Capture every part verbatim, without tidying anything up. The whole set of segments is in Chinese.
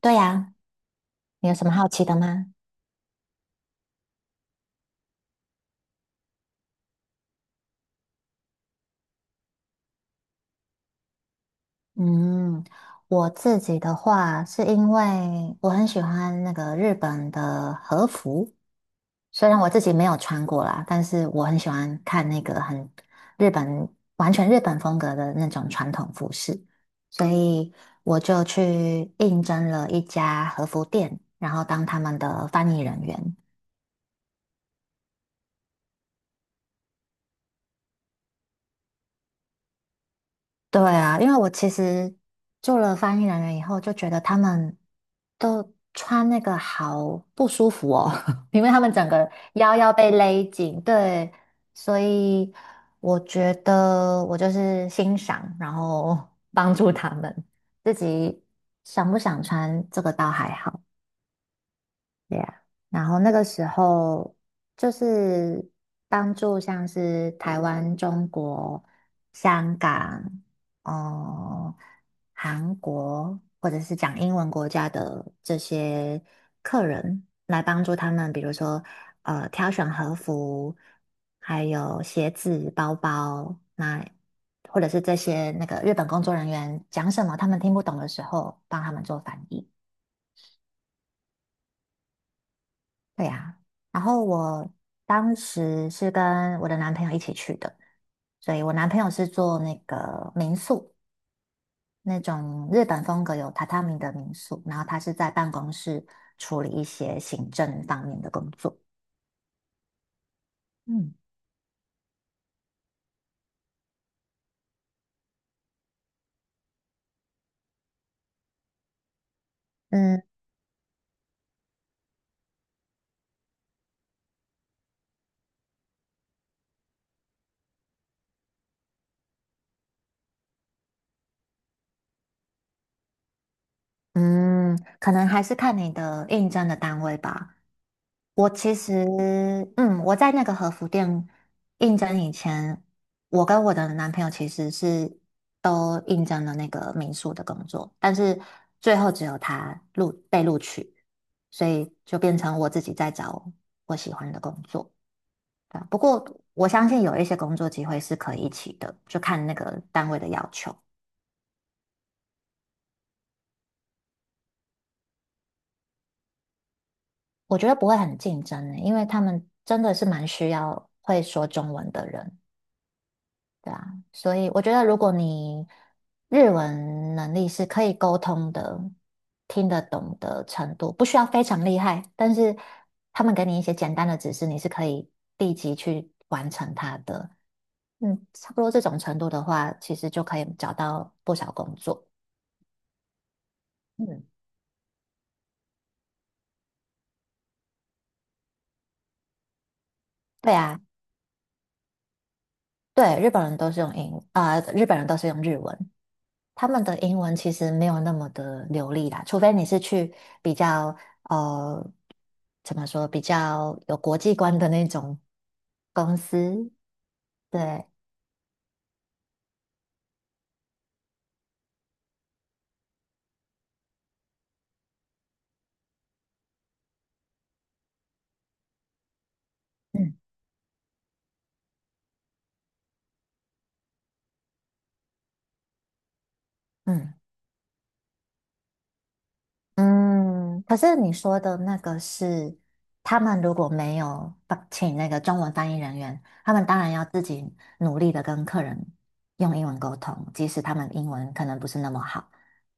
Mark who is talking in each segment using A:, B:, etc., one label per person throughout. A: 对呀，你有什么好奇的吗？嗯，我自己的话，是因为我很喜欢那个日本的和服，虽然我自己没有穿过啦，但是我很喜欢看那个很日本，完全日本风格的那种传统服饰，所以我就去应征了一家和服店，然后当他们的翻译人员。对啊，因为我其实做了翻译人员以后，就觉得他们都穿那个好不舒服哦，因为他们整个腰要被勒紧，对，所以我觉得我就是欣赏，然后帮助他们，自己想不想穿这个倒还好。Yeah，然后那个时候就是帮助像是台湾、中国、香港、哦、韩国或者是讲英文国家的这些客人，来帮助他们，比如说呃挑选和服，还有鞋子、包包，那或者是这些那个日本工作人员讲什么他们听不懂的时候，帮他们做翻译。对呀，然后我当时是跟我的男朋友一起去的，所以我男朋友是做那个民宿，那种日本风格有榻榻米的民宿，然后他是在办公室处理一些行政方面的工作。嗯嗯嗯，可能还是看你的应征的单位吧。我其实，嗯，我在那个和服店应征以前，我跟我的男朋友其实是都应征了那个民宿的工作，但是最后只有他录被录取，所以就变成我自己在找我喜欢的工作，对啊。不过我相信有一些工作机会是可以一起的，就看那个单位的要求。我觉得不会很竞争的，因为他们真的是蛮需要会说中文的人。所以我觉得，如果你日文能力是可以沟通的、听得懂的程度，不需要非常厉害，但是他们给你一些简单的指示，你是可以立即去完成它的。嗯，差不多这种程度的话，其实就可以找到不少工作。嗯，对啊，对，日本人都是用英，啊、日本人都是用日文。他们的英文其实没有那么的流利啦，除非你是去比较呃，怎么说，比较有国际观的那种公司。对，嗯嗯。嗯，可是你说的那个是，他们如果没有帮请那个中文翻译人员，他们当然要自己努力的跟客人用英文沟通，即使他们英文可能不是那么好。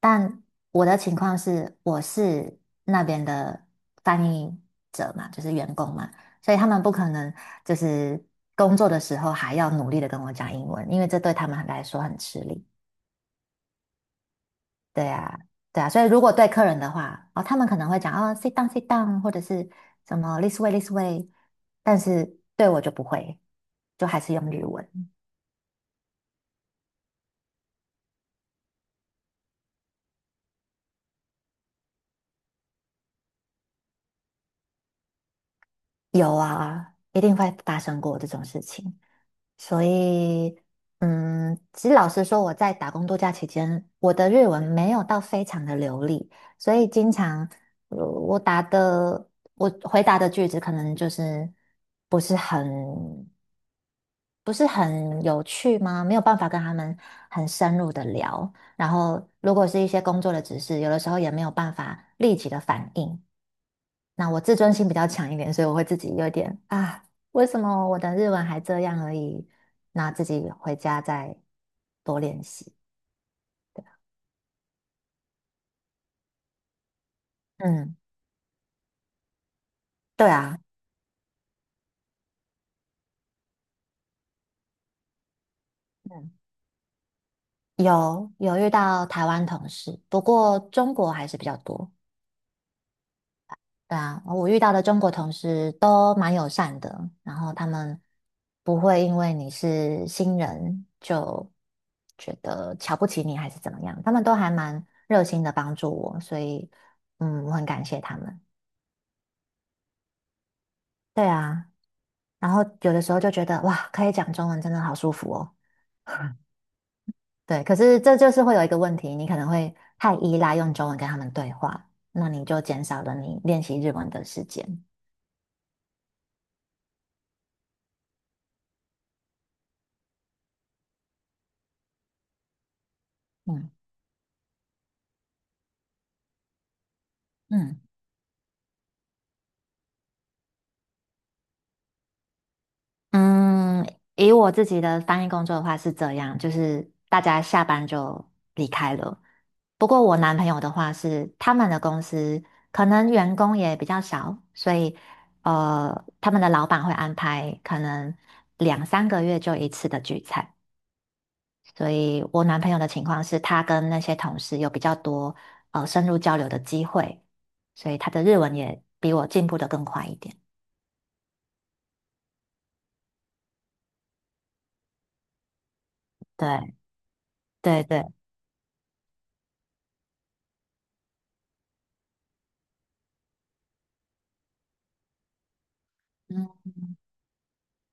A: 但我的情况是，我是那边的翻译者嘛，就是员工嘛，所以他们不可能就是工作的时候还要努力的跟我讲英文，因为这对他们来说很吃力。对啊，对啊，所以如果对客人的话，哦，他们可能会讲哦，sit down, sit down，或者是什么 this way, this way，但是对我就不会，就还是用日文。有啊，一定会发生过这种事情。所以，嗯，其实老实说，我在打工度假期间，我的日文没有到非常的流利，所以经常，呃，我答的，我回答的句子可能就是不是很不是很有趣吗？没有办法跟他们很深入的聊，然后如果是一些工作的指示，有的时候也没有办法立即的反应。那我自尊心比较强一点，所以我会自己有点啊，为什么我的日文还这样而已？那自己回家再多练习。嗯，对啊，嗯，有有遇到台湾同事，不过中国还是比较多。对啊，我遇到的中国同事都蛮友善的，然后他们不会因为你是新人就觉得瞧不起你还是怎么样，他们都还蛮热心的帮助我，所以嗯，我很感谢他们。对啊，然后有的时候就觉得哇，可以讲中文真的好舒服哦。对，可是这就是会有一个问题，你可能会太依赖用中文跟他们对话，那你就减少了你练习日文的时间。嗯嗯。嗯，以我自己的翻译工作的话是这样，就是大家下班就离开了。不过我男朋友的话是他们的公司可能员工也比较少，所以呃，他们的老板会安排可能两三个月就一次的聚餐。所以我男朋友的情况是他跟那些同事有比较多呃深入交流的机会，所以他的日文也比我进步的更快一点。对对对，嗯。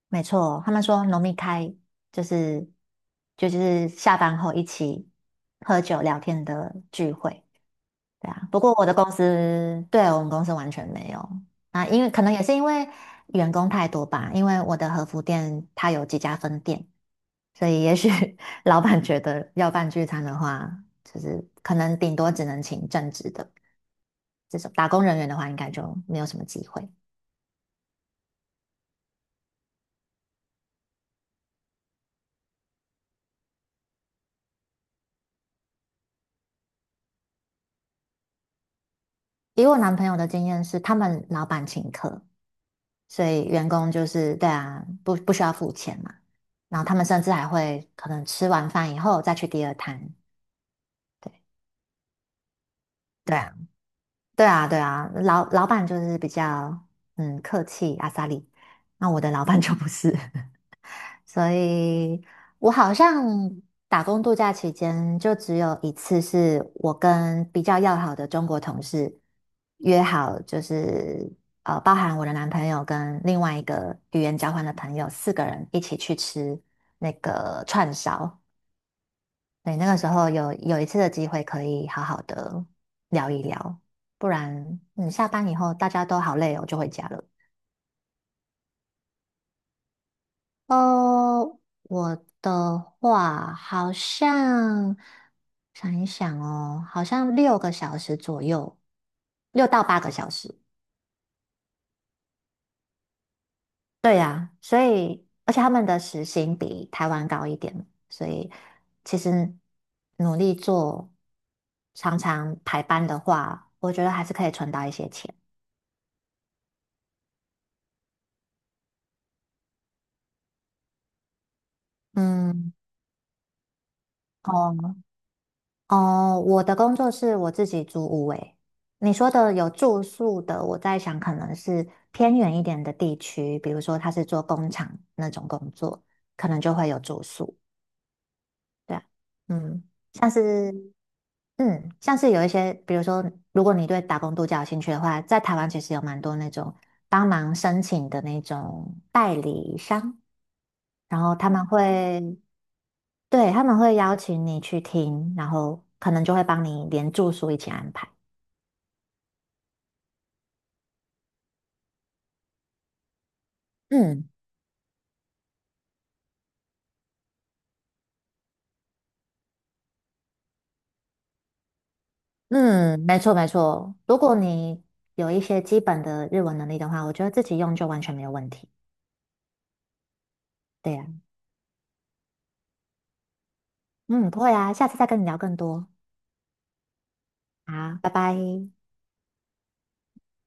A: 没错，他们说农民开就是就就是下班后一起喝酒聊天的聚会，对啊。不过我的公司，对，我们公司完全没有啊，因为可能也是因为员工太多吧，因为我的和服店它有几家分店，所以也许 老板觉得要办聚餐的话，就是可能顶多只能请正职的这种打工人员的话，应该就没有什么机会。以我男朋友的经验是，他们老板请客。所以员工就是对啊，不不需要付钱嘛。然后他们甚至还会可能吃完饭以后再去第二摊。对对啊，对啊，对啊，老老板就是比较嗯客气阿萨里，那我的老板就不是。所以我好像打工度假期间就只有一次，是我跟比较要好的中国同事约好，就是呃，包含我的男朋友跟另外一个语言交换的朋友，四个人一起去吃那个串烧。对，那个时候有有一次的机会可以好好的聊一聊，不然嗯，下班以后大家都好累哦，就回家了。哦，我的话好像想一想哦，好像六个小时左右，六到八个小时。对呀，所以而且他们的时薪比台湾高一点，所以其实努力做，常常排班的话，我觉得还是可以存到一些钱。嗯，哦，哦，我的工作是我自己租屋诶。你说的有住宿的，我在想可能是偏远一点的地区，比如说他是做工厂那种工作，可能就会有住宿。对啊，嗯，像是嗯，像是有一些，比如说如果你对打工度假有兴趣的话，在台湾其实有蛮多那种帮忙申请的那种代理商，然后他们会对他们会邀请你去听，然后可能就会帮你连住宿一起安排。嗯嗯，没错没错。如果你有一些基本的日文能力的话，我觉得自己用就完全没有问题。对呀，嗯，不会啊，下次再跟你聊更多。好，拜拜。